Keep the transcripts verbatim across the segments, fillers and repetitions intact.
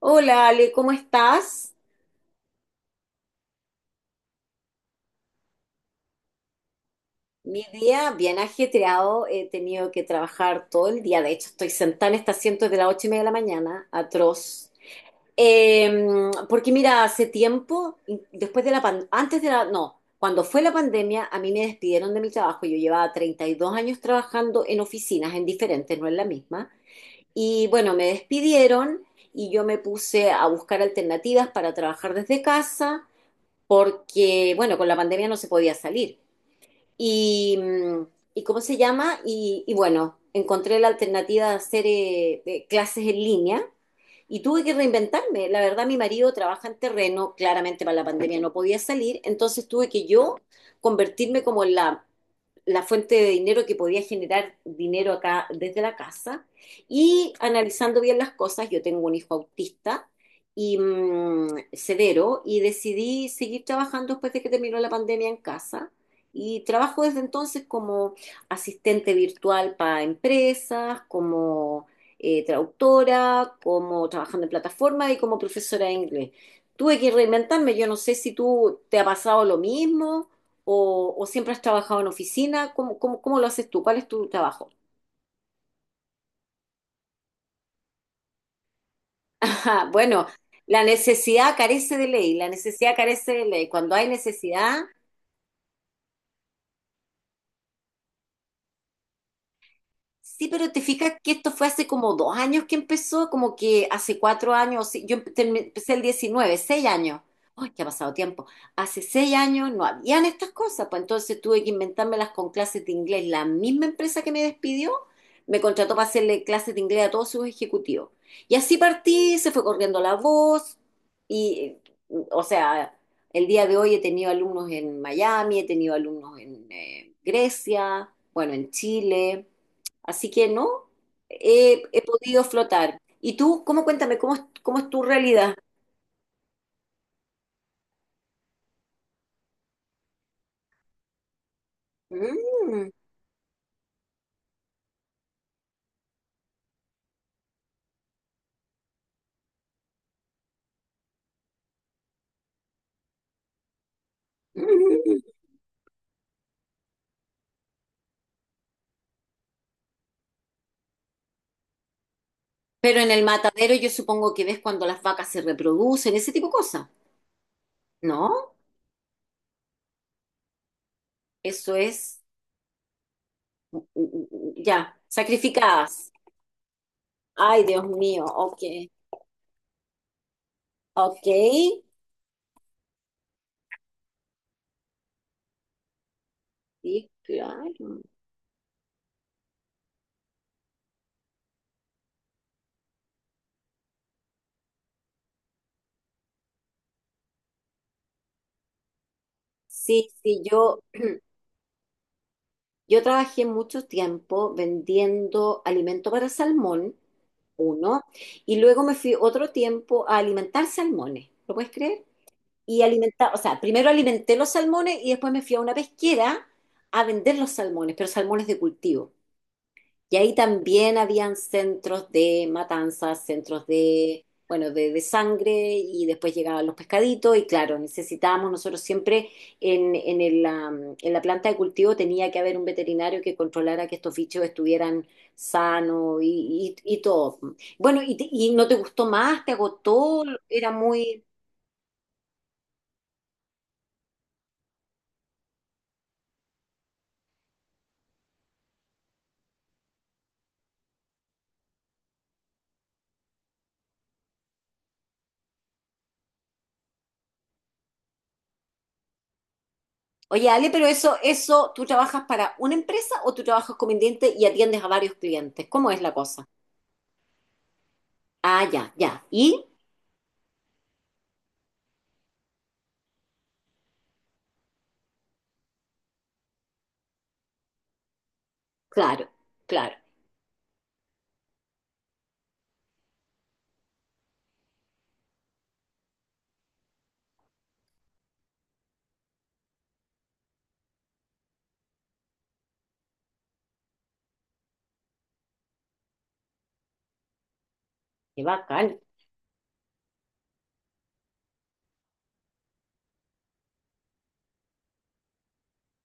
Hola Ale, ¿cómo estás? Mi día bien ajetreado, he tenido que trabajar todo el día, de hecho estoy sentada en este asiento desde las ocho y media de la mañana, atroz. Eh, porque mira, hace tiempo, después de la pan- antes de la, no, cuando fue la pandemia, a mí me despidieron de mi trabajo, yo llevaba treinta y dos años trabajando en oficinas, en diferentes, no en la misma, y bueno, me despidieron y yo me puse a buscar alternativas para trabajar desde casa porque, bueno, con la pandemia no se podía salir. Y, mm, y ¿cómo se llama? Y, y bueno, encontré la alternativa de hacer eh, eh, clases en línea y tuve que reinventarme. La verdad, mi marido trabaja en terreno, claramente para la pandemia no podía salir, entonces tuve que yo convertirme como en la la fuente de dinero que podía generar dinero acá desde la casa. Y analizando bien las cosas, yo tengo un hijo autista y mm, severo y decidí seguir trabajando después de que terminó la pandemia en casa. Y trabajo desde entonces como asistente virtual para empresas, como eh, traductora, como trabajando en plataformas y como profesora de inglés. Tuve que reinventarme, yo no sé si tú te ha pasado lo mismo o, o ¿siempre has trabajado en oficina? ¿Cómo, cómo, cómo lo haces tú? ¿Cuál es tu trabajo? Ajá, bueno, la necesidad carece de ley, la necesidad carece de ley. Cuando hay necesidad, sí, pero te fijas que esto fue hace como dos años que empezó, como que hace cuatro años, sí, yo empe- termi- empecé el diecinueve, seis años. ¡Ay, que ha pasado tiempo! Hace seis años no habían estas cosas, pues entonces tuve que inventármelas con clases de inglés. La misma empresa que me despidió me contrató para hacerle clases de inglés a todos sus ejecutivos. Y así partí, se fue corriendo la voz y, eh, o sea, el día de hoy he tenido alumnos en Miami, he tenido alumnos en eh, Grecia, bueno, en Chile. Así que no, he, he podido flotar. ¿Y tú, cómo cuéntame, cómo es, cómo es tu realidad? Mm, mm. Pero en el matadero yo supongo que ves cuando las vacas se reproducen, ese tipo de cosas. No, eso es, mm, mm, ya, sacrificadas. Ay, Dios mío, ok, ok. Sí, claro. Sí, sí, yo, Yo trabajé mucho tiempo vendiendo alimento para salmón, uno, y luego me fui otro tiempo a alimentar salmones, ¿lo puedes creer? Y alimentar, o sea, primero alimenté los salmones y después me fui a una pesquera a vender los salmones, pero salmones de cultivo. Y ahí también habían centros de matanzas, centros de, bueno, de, de sangre y después llegaban los pescaditos y claro, necesitábamos nosotros siempre en, en el, am, en la planta de cultivo tenía que haber un veterinario que controlara que estos bichos estuvieran sanos y, y- y todo. Bueno, y, te- ¿y no te gustó más? ¿Te agotó? Era muy. Oye, Ale, pero eso, eso, ¿tú trabajas para una empresa o tú trabajas como independiente y atiendes a varios clientes? ¿Cómo es la cosa? Ah, ya, ya. ¿Y? Claro, claro. Qué bacán.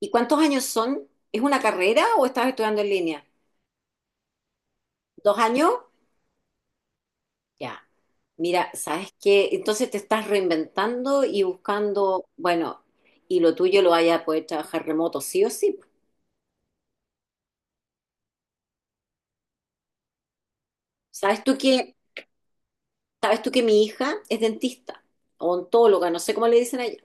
¿Y cuántos años son? ¿Es una carrera o estás estudiando en línea? ¿Dos años? Ya. Mira, ¿sabes qué? Entonces te estás reinventando y buscando, bueno, y lo tuyo lo vaya a poder trabajar remoto, sí o sí. ¿Sabes tú que, ¿Sabes tú que mi hija es dentista, odontóloga, no sé cómo le dicen allá.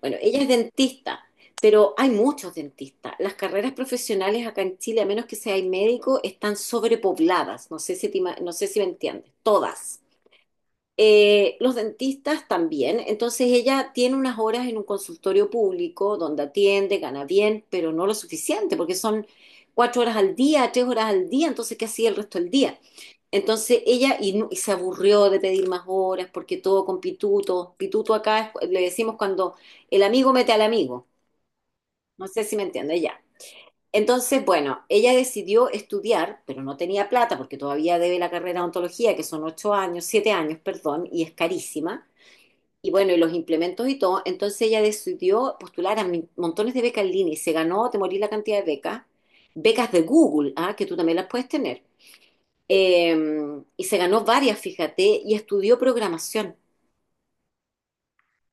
Bueno, ella es dentista, pero hay muchos dentistas. Las carreras profesionales acá en Chile, a menos que seas médico, están sobrepobladas. No sé si te ima- no sé si me entiendes. Todas. Eh, los dentistas también. Entonces ella tiene unas horas en un consultorio público donde atiende, gana bien, pero no lo suficiente, porque son cuatro horas al día, tres horas al día. Entonces, ¿qué hacía el resto del día? Entonces ella y, nu- y se aburrió de pedir más horas porque todo con pituto. Pituto acá es- le decimos cuando el amigo mete al amigo. No sé si me entiende ya. Entonces, bueno, ella decidió estudiar, pero no tenía plata porque todavía debe la carrera de odontología, que son ocho años, siete años, perdón, y es carísima. Y bueno, y los implementos y todo. Entonces ella decidió postular a mi- montones de becas en línea y se ganó, te morí la cantidad de becas. Becas de Google, ¿ah? Que tú también las puedes tener. Eh, y se ganó varias, fíjate, y estudió programación.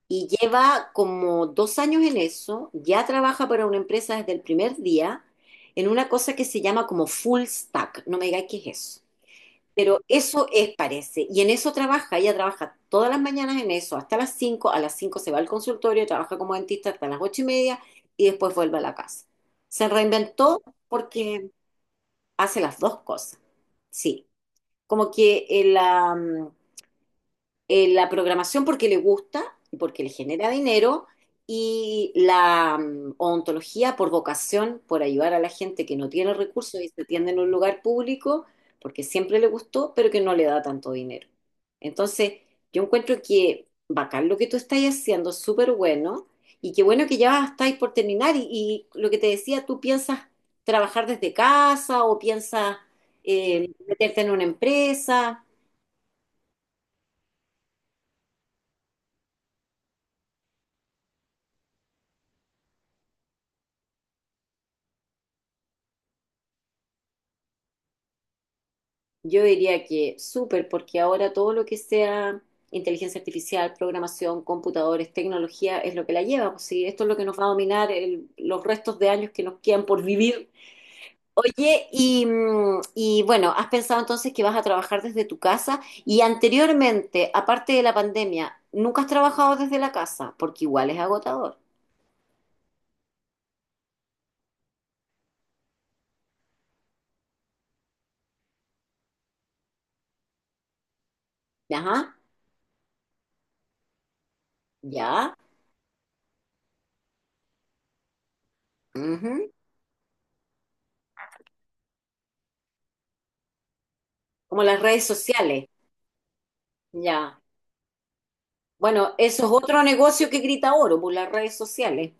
Y lleva como dos años en eso, ya trabaja para una empresa desde el primer día, en una cosa que se llama como full stack. No me digáis qué es eso. Pero eso es, parece. Y en eso trabaja, ella trabaja todas las mañanas en eso, hasta las cinco a las cinco se va al consultorio, trabaja como dentista hasta las ocho y media y después vuelve a la casa. Se reinventó porque hace las dos cosas. Sí, como que el, am, eh, la programación porque le gusta y porque le genera dinero y la mm, odontología por vocación, por ayudar a la gente que no tiene recursos y se atiende en un lugar público porque siempre le gustó, pero que no le da tanto dinero. Entonces, yo encuentro que bacán lo que tú estás haciendo, súper bueno, y qué bueno que ya estáis por terminar y, y lo que te decía, tú piensas trabajar desde casa o piensas eh, meterte en una empresa. Yo diría que súper, porque ahora todo lo que sea inteligencia artificial, programación, computadores, tecnología, es lo que la lleva. Pues sí, esto es lo que nos va a dominar el- los restos de años que nos quedan por vivir. Oye, y, mm, y bueno, ¿has pensado entonces que vas a trabajar desde tu casa? Y anteriormente, aparte de la pandemia, ¿nunca has trabajado desde la casa? Porque igual es agotador. Ajá, ya. Ujú. Como las redes sociales, ya. Bueno, eso es otro negocio que grita oro, por las redes sociales.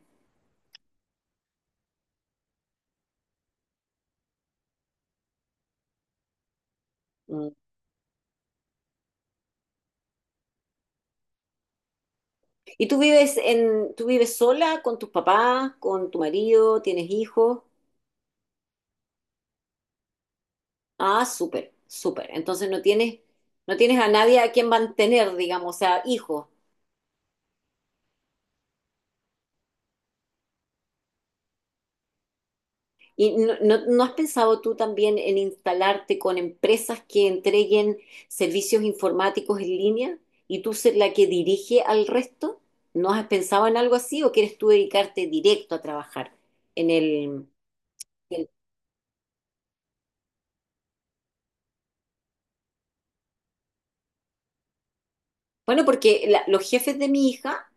Mm. ¿Y tú vives en, ¿tú vives sola con tus papás, con tu marido, tienes hijos? Ah, súper, súper. Entonces no tienes, no tienes a nadie a quien mantener, digamos, o sea, hijos. ¿Y no, no- no has pensado tú también en instalarte con empresas que entreguen servicios informáticos en línea y tú ser la que dirige al resto? ¿No has pensado en algo así o quieres tú dedicarte directo a trabajar en el en- Bueno, porque la- los jefes de mi hija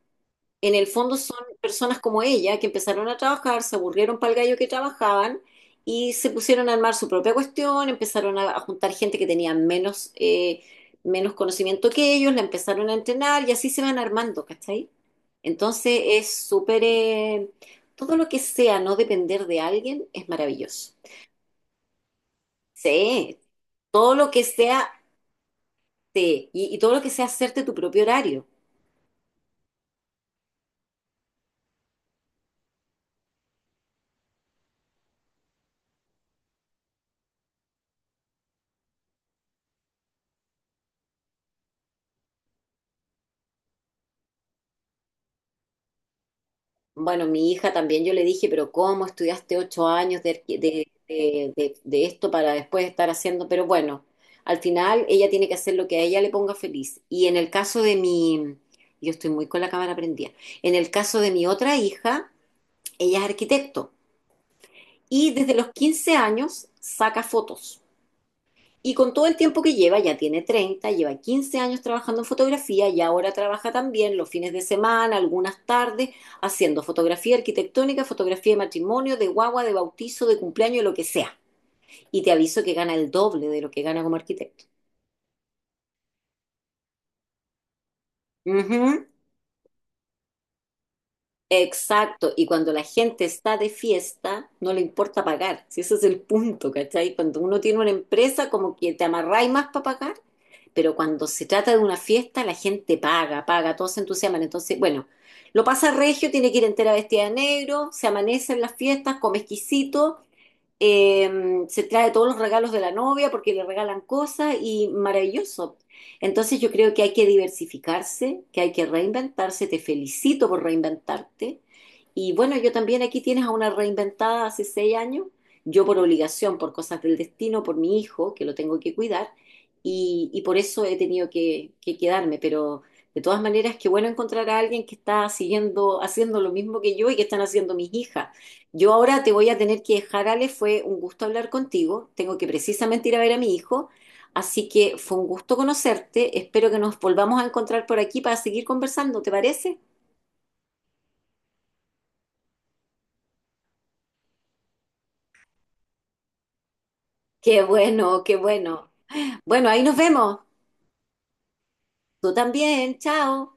en el fondo son personas como ella que empezaron a trabajar, se aburrieron para el gallo que trabajaban y se pusieron a armar su propia cuestión, empezaron a, a juntar gente que tenía menos, eh, menos conocimiento que ellos, la empezaron a entrenar y así se van armando, ¿cachai? Entonces es súper. Eh, todo lo que sea no depender de alguien es maravilloso. Sí, todo lo que sea. Sí, y, y todo lo que sea hacerte tu propio horario. Bueno, mi hija también yo le dije, pero ¿cómo estudiaste ocho años de, arqui- de- de- de- de esto para después estar haciendo? Pero bueno, al final ella tiene que hacer lo que a ella le ponga feliz. Y en el caso de mi, yo estoy muy con la cámara prendida, en el caso de mi otra hija, ella es arquitecto y desde los quince años saca fotos. Y con todo el tiempo que lleva, ya tiene treinta, lleva quince años trabajando en fotografía y ahora trabaja también los fines de semana, algunas tardes, haciendo fotografía arquitectónica, fotografía de matrimonio, de guagua, de bautizo, de cumpleaños, de lo que sea. Y te aviso que gana el doble de lo que gana como arquitecto. Ujú, exacto. Y cuando la gente está de fiesta, no le importa pagar. Si ese es el punto, ¿cachai? Cuando uno tiene una empresa, como que te amarráis más para pagar. Pero cuando se trata de una fiesta, la gente paga, paga, todos se entusiasman. Entonces, bueno, lo pasa regio, tiene que ir entera vestida de negro, se amanece en las fiestas, come exquisito eh, se trae todos los regalos de la novia porque le regalan cosas y maravilloso. Entonces yo creo que hay que diversificarse, que hay que reinventarse. Te felicito por reinventarte. Y bueno, yo también aquí tienes a una reinventada hace seis años, yo por obligación, por cosas del destino, por mi hijo, que lo tengo que cuidar, y, y por eso he tenido que, que quedarme. Pero de todas maneras, qué bueno encontrar a alguien que está siguiendo, haciendo lo mismo que yo y que están haciendo mis hijas. Yo ahora te voy a tener que dejar, Ale, fue un gusto hablar contigo. Tengo que precisamente ir a ver a mi hijo, así que fue un gusto conocerte. Espero que nos volvamos a encontrar por aquí para seguir conversando, ¿te parece? Qué bueno, qué bueno. Bueno, ahí nos vemos. Tú también, chao.